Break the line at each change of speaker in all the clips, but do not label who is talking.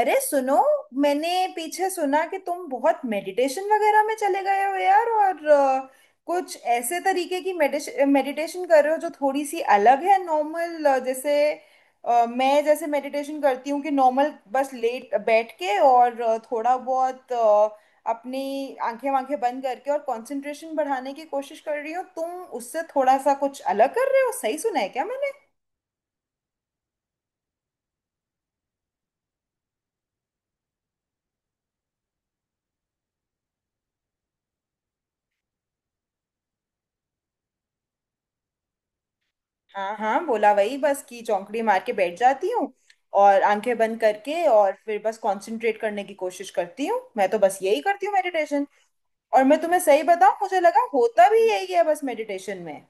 अरे सुनो। मैंने पीछे सुना कि तुम बहुत मेडिटेशन वगैरह में चले गए हो यार, और कुछ ऐसे तरीके की मेडिटेशन कर रहे हो जो थोड़ी सी अलग है नॉर्मल। जैसे मैं जैसे मेडिटेशन करती हूँ कि नॉर्मल बस लेट बैठ के और थोड़ा बहुत अपनी आंखें वांखें बंद करके और कंसंट्रेशन बढ़ाने की कोशिश कर रही हो तुम उससे थोड़ा सा कुछ अलग कर रहे हो। सही सुना है क्या मैंने? हाँ हाँ, बोला वही बस कि चौंकड़ी मार के बैठ जाती हूँ और आंखें बंद करके और फिर बस कंसंट्रेट करने की कोशिश करती हूँ। मैं तो बस यही करती हूँ मेडिटेशन। और मैं तुम्हें सही बताऊँ, मुझे लगा होता भी यही है बस मेडिटेशन में।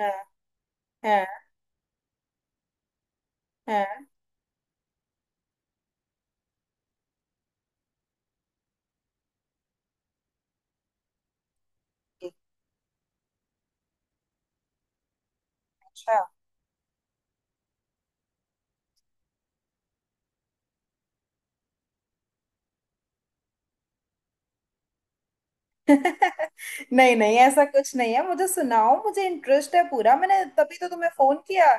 हाँ हाँ हाँ। अच्छा। नहीं नहीं, ऐसा कुछ नहीं है, मुझे सुनाओ, मुझे इंटरेस्ट है पूरा, मैंने तभी तो तुम्हें फोन किया।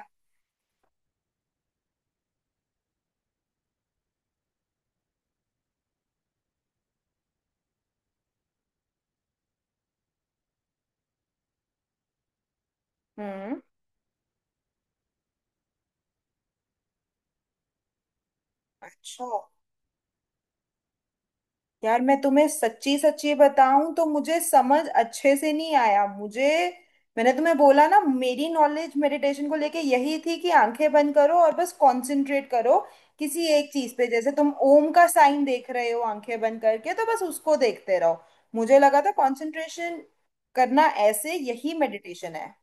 हम्म। अच्छा। यार मैं तुम्हें सच्ची सच्ची बताऊं तो मुझे समझ अच्छे से नहीं आया। मुझे मैंने तुम्हें बोला ना, मेरी नॉलेज मेडिटेशन को लेके यही थी कि आंखें बंद करो और बस कंसंट्रेट करो किसी एक चीज पे। जैसे तुम ओम का साइन देख रहे हो आंखें बंद करके, तो बस उसको देखते रहो। मुझे लगा था कंसंट्रेशन करना ऐसे, यही मेडिटेशन है।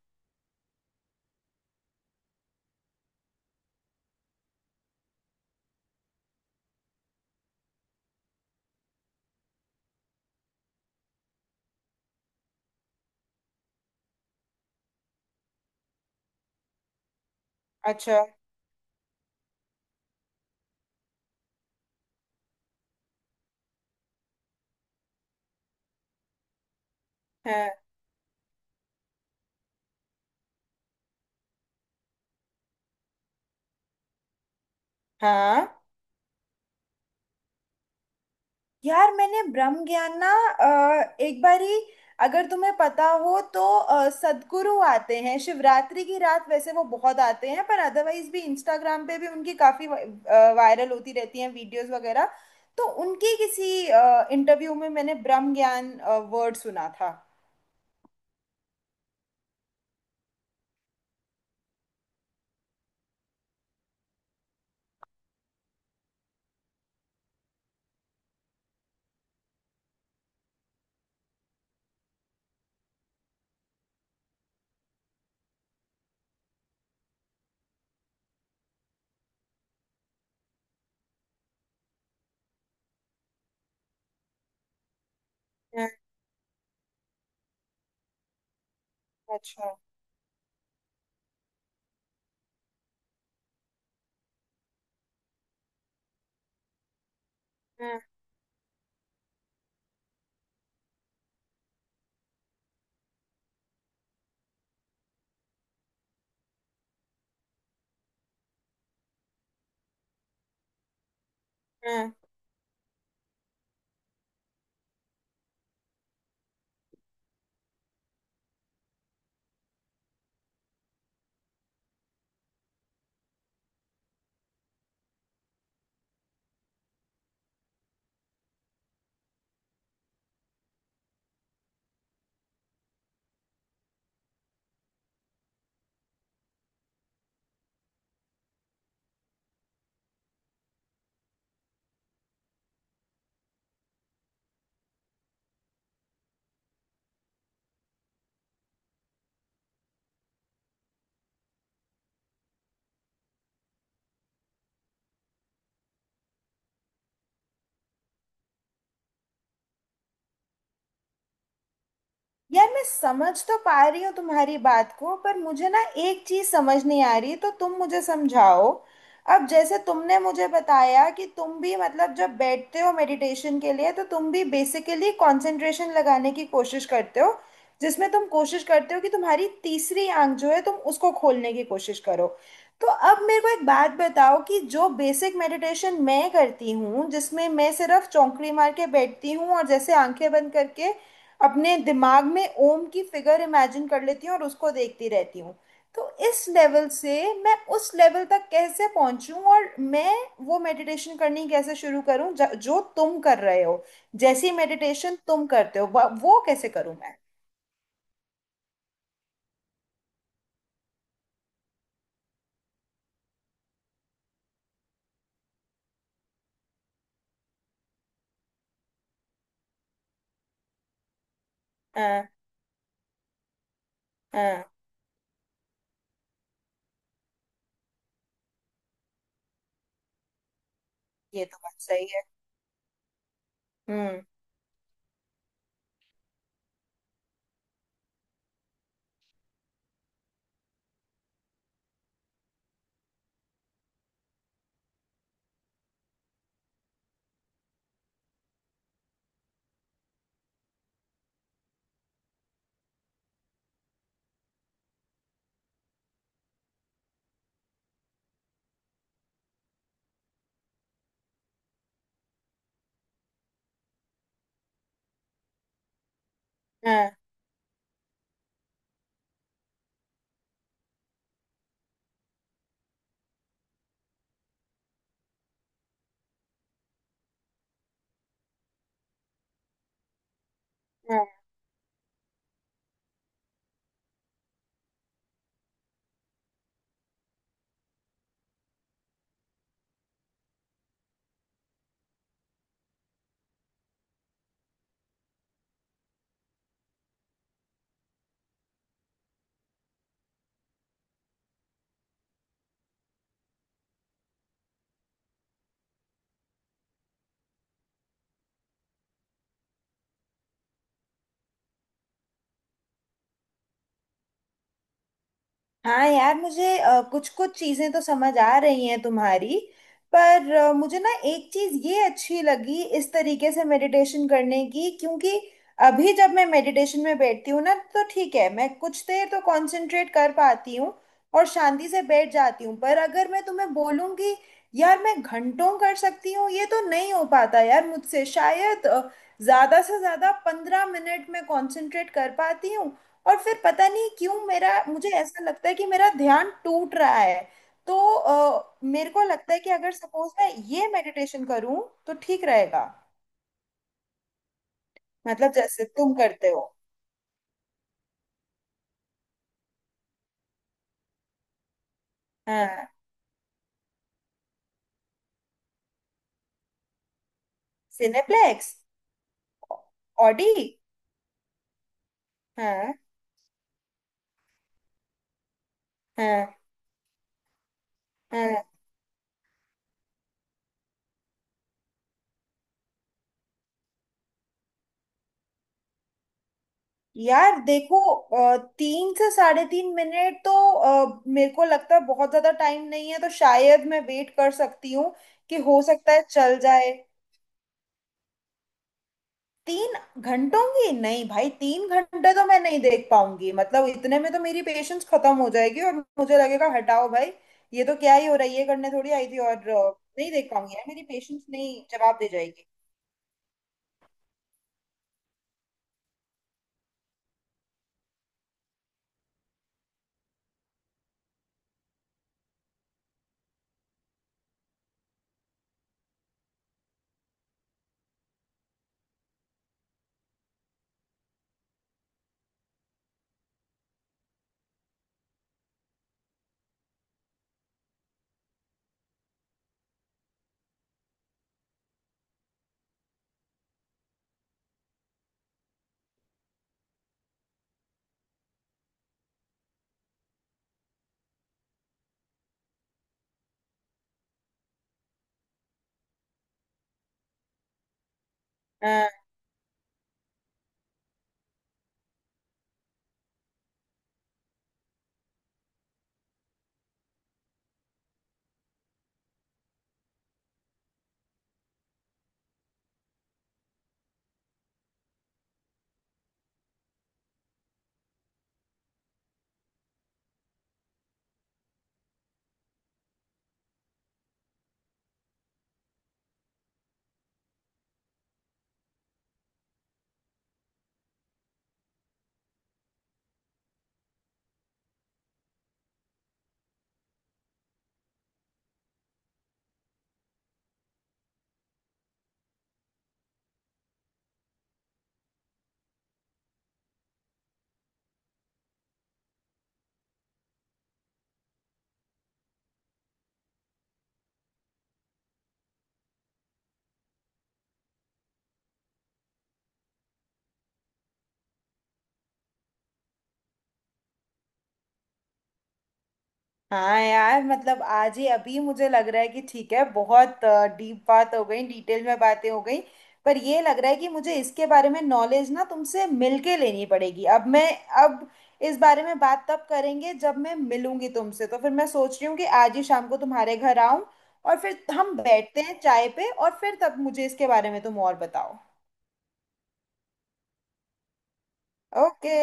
अच्छा। हाँ हाँ। यार मैंने ब्रह्म ज्ञान ना एक बारी, अगर तुम्हें पता हो तो, सद्गुरु आते हैं शिवरात्रि की रात, वैसे वो बहुत आते हैं पर अदरवाइज भी, इंस्टाग्राम पे भी उनकी काफी वायरल होती रहती हैं वीडियोस वगैरह। तो उनकी किसी इंटरव्यू में मैंने ब्रह्म ज्ञान वर्ड सुना था। हम्म। अच्छा। हम्म। हम्म। यार मैं समझ तो पा रही हूँ तुम्हारी बात को, पर मुझे ना एक चीज समझ नहीं आ रही, तो तुम मुझे समझाओ। अब जैसे तुमने मुझे बताया कि तुम भी, मतलब जब बैठते हो मेडिटेशन के लिए, तो तुम भी बेसिकली कंसंट्रेशन लगाने की कोशिश करते हो, जिसमें तुम कोशिश करते हो कि तुम्हारी तीसरी आंख जो है तुम उसको खोलने की कोशिश करो। तो अब मेरे को एक बात बताओ कि जो बेसिक मेडिटेशन मैं करती हूँ, जिसमें मैं सिर्फ चौंकड़ी मार के बैठती हूँ और जैसे आंखें बंद करके अपने दिमाग में ओम की फिगर इमेजिन कर लेती हूँ और उसको देखती रहती हूँ, तो इस लेवल से मैं उस लेवल तक कैसे पहुंचूं? और मैं वो मेडिटेशन करनी कैसे शुरू करूं जो तुम कर रहे हो, जैसी मेडिटेशन तुम करते हो, वो कैसे करूं मैं? हाँ हाँ। ये तो बात सही है। हम्म। हाँ हाँ। यार मुझे कुछ कुछ चीजें तो समझ आ रही हैं तुम्हारी, पर मुझे ना एक चीज ये अच्छी लगी इस तरीके से मेडिटेशन करने की, क्योंकि अभी जब मैं मेडिटेशन में बैठती हूँ ना, तो ठीक है, मैं कुछ देर तो कंसंट्रेट कर पाती हूँ और शांति से बैठ जाती हूँ, पर अगर मैं तुम्हें बोलूँ कि यार मैं घंटों कर सकती हूँ, ये तो नहीं हो पाता यार मुझसे। शायद ज्यादा से ज्यादा 15 मिनट में कंसंट्रेट कर पाती हूँ, और फिर पता नहीं क्यों मेरा मुझे ऐसा लगता है कि मेरा ध्यान टूट रहा है। तो मेरे को लगता है कि अगर सपोज मैं ये मेडिटेशन करूं तो ठीक रहेगा, मतलब जैसे तुम करते हो। हाँ। सिनेप्लेक्स। ऑडी। हाँ हाँ हाँ। यार देखो, 3 से साढ़े 3 मिनट तो, मेरे को लगता है बहुत ज्यादा टाइम नहीं है, तो शायद मैं वेट कर सकती हूँ कि हो सकता है चल जाए। 3 घंटों की? नहीं भाई, 3 घंटे तो मैं नहीं देख पाऊंगी। मतलब इतने में तो मेरी पेशेंस खत्म हो जाएगी और मुझे लगेगा हटाओ भाई, ये तो क्या ही हो रहा है, ये करने थोड़ी आई थी। और नहीं देख पाऊंगी यार, मेरी पेशेंस नहीं जवाब दे जाएगी। हाँ यार, मतलब आज ही अभी मुझे लग रहा है कि ठीक है, बहुत डीप बात हो गई, डिटेल में बातें हो गई, पर ये लग रहा है कि मुझे इसके बारे में नॉलेज ना तुमसे मिलके लेनी पड़ेगी। अब इस बारे में बात तब करेंगे जब मैं मिलूंगी तुमसे। तो फिर मैं सोच रही हूँ कि आज ही शाम को तुम्हारे घर आऊं और फिर हम बैठते हैं चाय पे और फिर तब मुझे इसके बारे में तुम और बताओ। ओके।